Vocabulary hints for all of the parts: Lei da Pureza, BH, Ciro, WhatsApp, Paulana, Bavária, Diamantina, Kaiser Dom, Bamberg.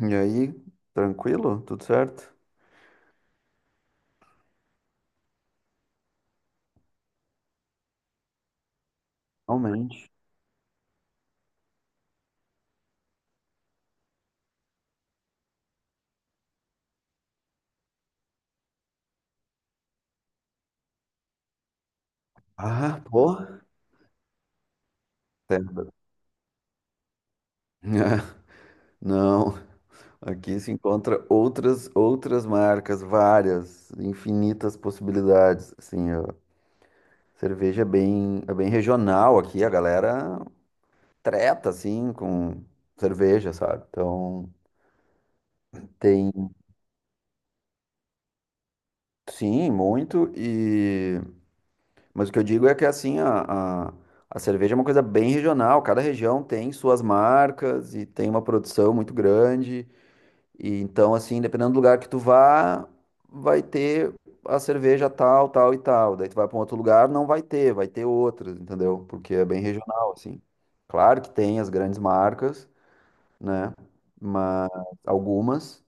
E aí, tranquilo? Tudo certo? Realmente. Ah, porra. Certo. Ah, não, aqui se encontra outras marcas, várias, infinitas possibilidades. Assim, a cerveja é bem regional aqui, a galera treta assim com cerveja, sabe? Então, tem sim, muito e mas o que eu digo é que assim, a cerveja é uma coisa bem regional, cada região tem suas marcas e tem uma produção muito grande. E então, assim, dependendo do lugar que tu vá, vai ter a cerveja tal, tal e tal. Daí tu vai para um outro lugar, não vai ter, vai ter outras, entendeu? Porque é bem regional, assim. Claro que tem as grandes marcas, né? Mas algumas.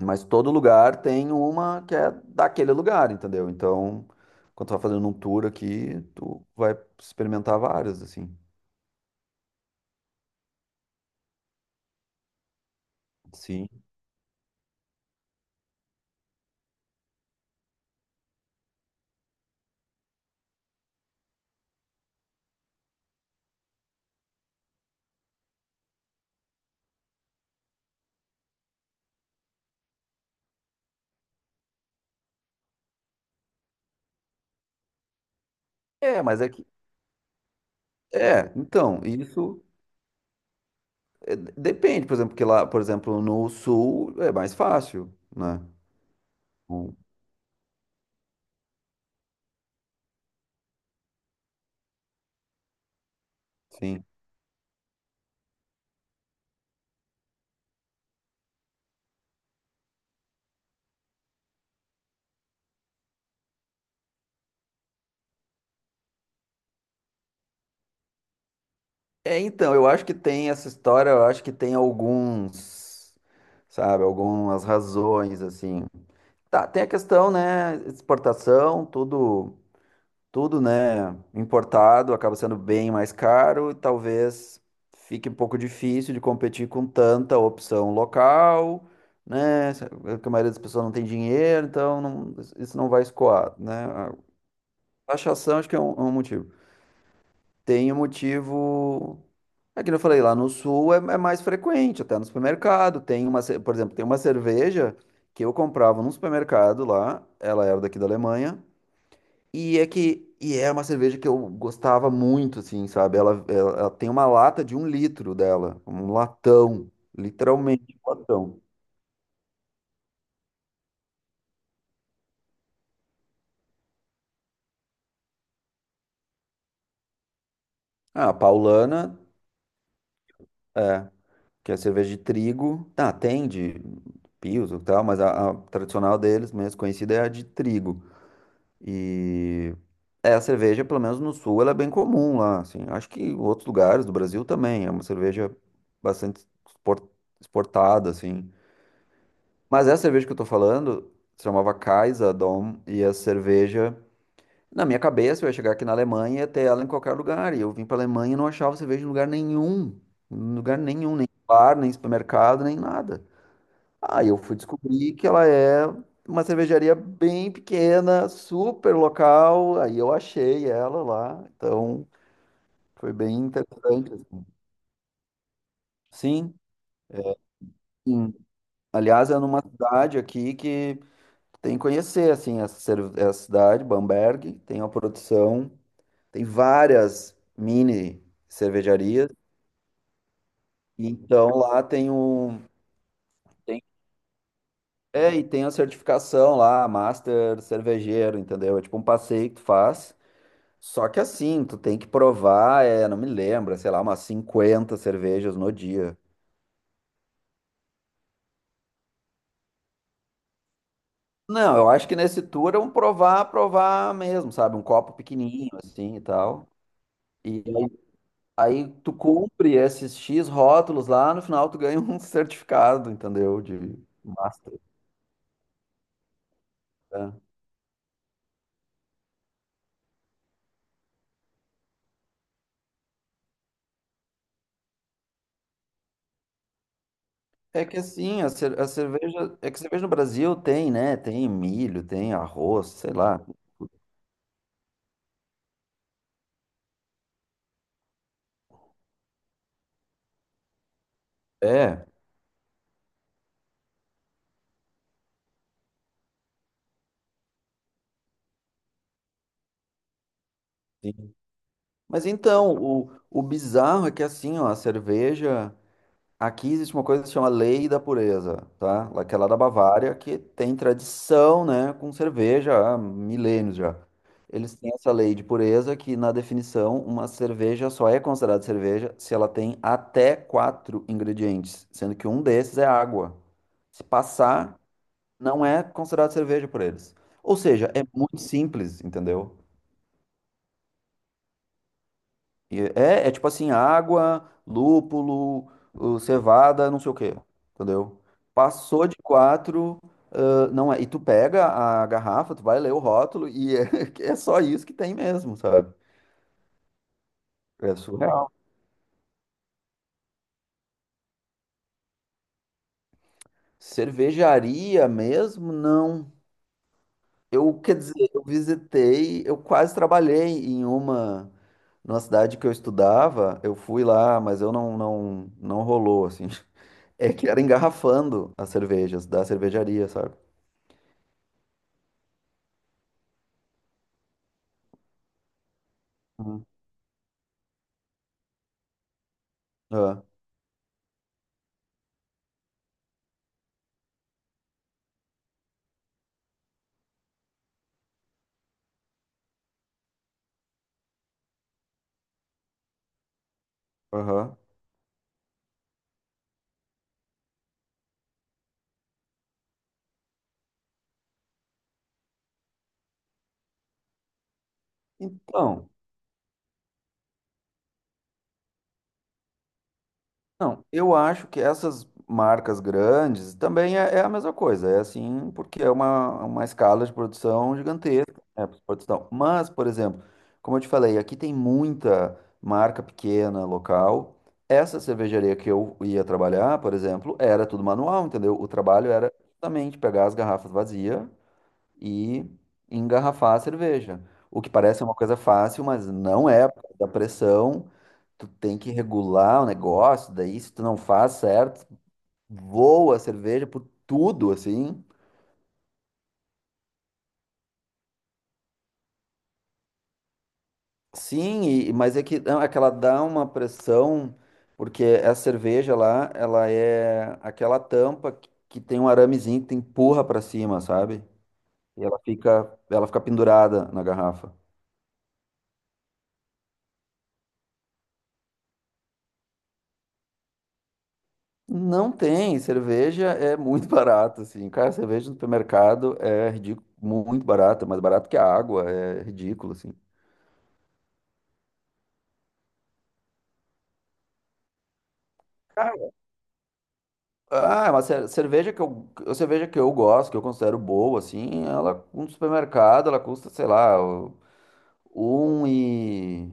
Mas todo lugar tem uma que é daquele lugar, entendeu? Então, quando tu vai fazendo um tour aqui, tu vai experimentar várias, assim. Sim. É, mas é que. É, então, isso é, depende, por exemplo, porque lá, por exemplo, no sul é mais fácil, né? Hum, sim. É, então, eu acho que tem essa história, eu acho que tem alguns, sabe, algumas razões, assim. Tá, tem a questão, né? Exportação, tudo. Tudo, né, importado, acaba sendo bem mais caro e talvez fique um pouco difícil de competir com tanta opção local, né, é que a maioria das pessoas não tem dinheiro, então isso não vai escoar, né. A taxação acho que é um motivo. Tem um motivo, é que eu falei, lá no sul é, é mais frequente, até no supermercado, tem uma, por exemplo, tem uma cerveja que eu comprava num supermercado lá, ela era daqui da Alemanha, e é uma cerveja que eu gostava muito, assim, sabe? Ela tem uma lata de um litro dela, um latão, literalmente um latão. Ah, a Paulana, é, que é cerveja de trigo. Ah, tem de Pilsen e tal, mas a tradicional deles, mesmo conhecida, é a de trigo. E é, a cerveja, pelo menos no sul, ela é bem comum lá, assim. Acho que em outros lugares do Brasil também, é uma cerveja bastante exportada, assim. Mas essa cerveja que eu tô falando se chamava Kaiser Dom e a cerveja. Na minha cabeça, eu ia chegar aqui na Alemanha e ia ter ela em qualquer lugar. E eu vim pra Alemanha e não achava cerveja em lugar nenhum. Em lugar nenhum, nem bar, nem supermercado, nem nada. Aí eu fui descobrir que ela é uma cervejaria bem pequena, super local. Aí eu achei ela lá. Então foi bem interessante, assim. Sim. Sim. Aliás, é numa cidade aqui que tem que conhecer, assim, essa, essa cidade, Bamberg, tem uma produção, tem várias mini cervejarias, e então lá tem um... Tem. É, e tem a certificação lá, Master Cervejeiro, entendeu? É tipo um passeio que tu faz, só que assim, tu tem que provar, é, não me lembro, sei lá, umas 50 cervejas no dia. Não, eu acho que nesse tour é um provar, provar mesmo, sabe? Um copo pequenininho, assim, e tal. E aí tu cumpre esses X rótulos lá, no final tu ganha um certificado, entendeu? De master. Né? É que assim, a cerveja. É que cerveja no Brasil tem, né? Tem milho, tem arroz, sei lá. É. Sim. Mas então, o bizarro é que assim, ó, a cerveja. Aqui existe uma coisa que se chama Lei da Pureza, tá? Que é lá da Bavária, que tem tradição, né, com cerveja há milênios já. Eles têm essa lei de pureza que, na definição, uma cerveja só é considerada cerveja se ela tem até quatro ingredientes, sendo que um desses é água. Se passar, não é considerado cerveja por eles. Ou seja, é muito simples, entendeu? E é, é tipo assim, água, lúpulo, cevada, não sei o quê, entendeu? Passou de quatro, não é. E tu pega a garrafa, tu vai ler o rótulo e é, é só isso que tem mesmo, sabe? É surreal. Cervejaria mesmo, não. Eu, quer dizer, eu visitei, eu quase trabalhei em uma, numa cidade que eu estudava, eu fui lá, mas eu não rolou, assim. É que era engarrafando as cervejas da cervejaria, sabe? Hum, é, aham. Então, não, eu acho que essas marcas grandes também é a mesma coisa. É assim, porque é uma escala de produção gigantesca, né, produção. Mas, por exemplo, como eu te falei, aqui tem muita marca pequena, local. Essa cervejaria que eu ia trabalhar, por exemplo, era tudo manual, entendeu? O trabalho era justamente pegar as garrafas vazias e engarrafar a cerveja. O que parece uma coisa fácil, mas não é, por causa da pressão. Tu tem que regular o negócio, daí se tu não faz certo, voa a cerveja por tudo, assim. Sim, mas é que, não, é que ela dá uma pressão, porque essa cerveja lá, ela é aquela tampa que tem um aramezinho que tu empurra pra cima, sabe? E ela fica pendurada na garrafa. Não tem, cerveja é muito barata, assim. Cara, cerveja no supermercado é ridículo, muito barata, mais barato que a água, é ridículo, assim. Cara, ah, mas a cerveja que eu gosto, que eu considero boa, assim, ela, no supermercado, ela custa, sei lá, um e...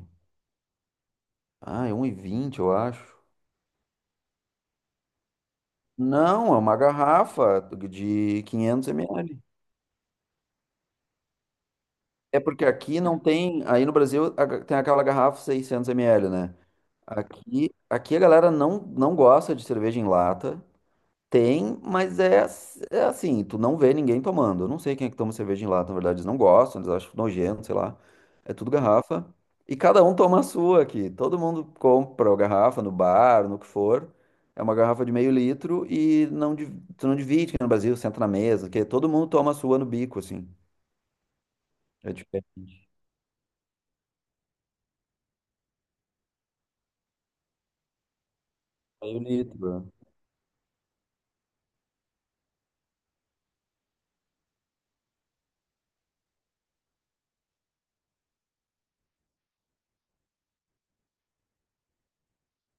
Ai, 1,20, eu acho. Não, é uma garrafa de 500 ml. É porque aqui não tem, aí no Brasil a tem aquela garrafa 600 ml, né? Aqui, aqui a galera não gosta de cerveja em lata. Tem, mas é, é assim, tu não vê ninguém tomando. Eu não sei quem é que toma cerveja em lata, na verdade, eles não gostam, eles acham nojento, sei lá. É tudo garrafa. E cada um toma a sua aqui. Todo mundo compra a garrafa no bar, no que for. É uma garrafa de meio litro e não, tu não divide, que no Brasil, senta na mesa, que todo mundo toma a sua no bico, assim. É diferente. Meio litro, né?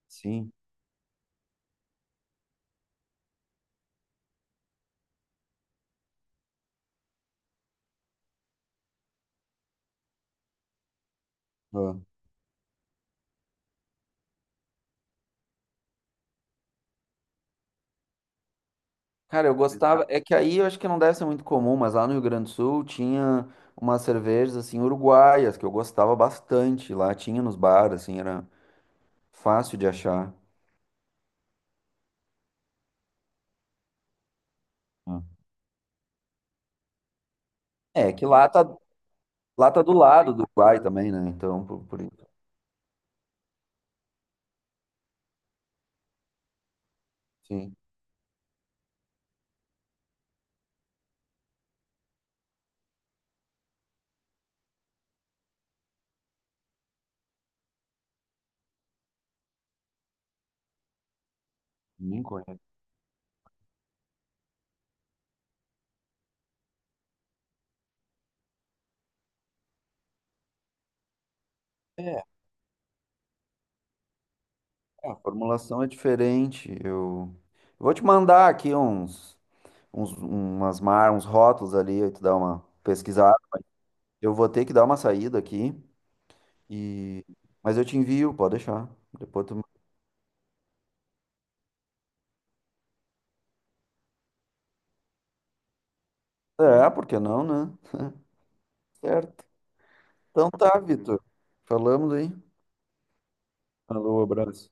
Sim. É. Cara, eu gostava. É que aí eu acho que não deve ser muito comum, mas lá no Rio Grande do Sul tinha umas cervejas assim uruguaias que eu gostava bastante. Lá tinha nos bares, assim, era fácil de achar. Ah, É, que lá tá, lá tá do lado do Uruguai também, né? Então, por isso, sim. Nem conheço. É, a formulação é diferente. Eu vou te mandar aqui uns rótulos ali, aí tu dá uma pesquisada. Eu vou ter que dar uma saída aqui, e... Mas eu te envio, pode deixar. Depois tu... É, por que não, né? Certo. Então tá, Vitor. Falamos aí. Alô, abraço.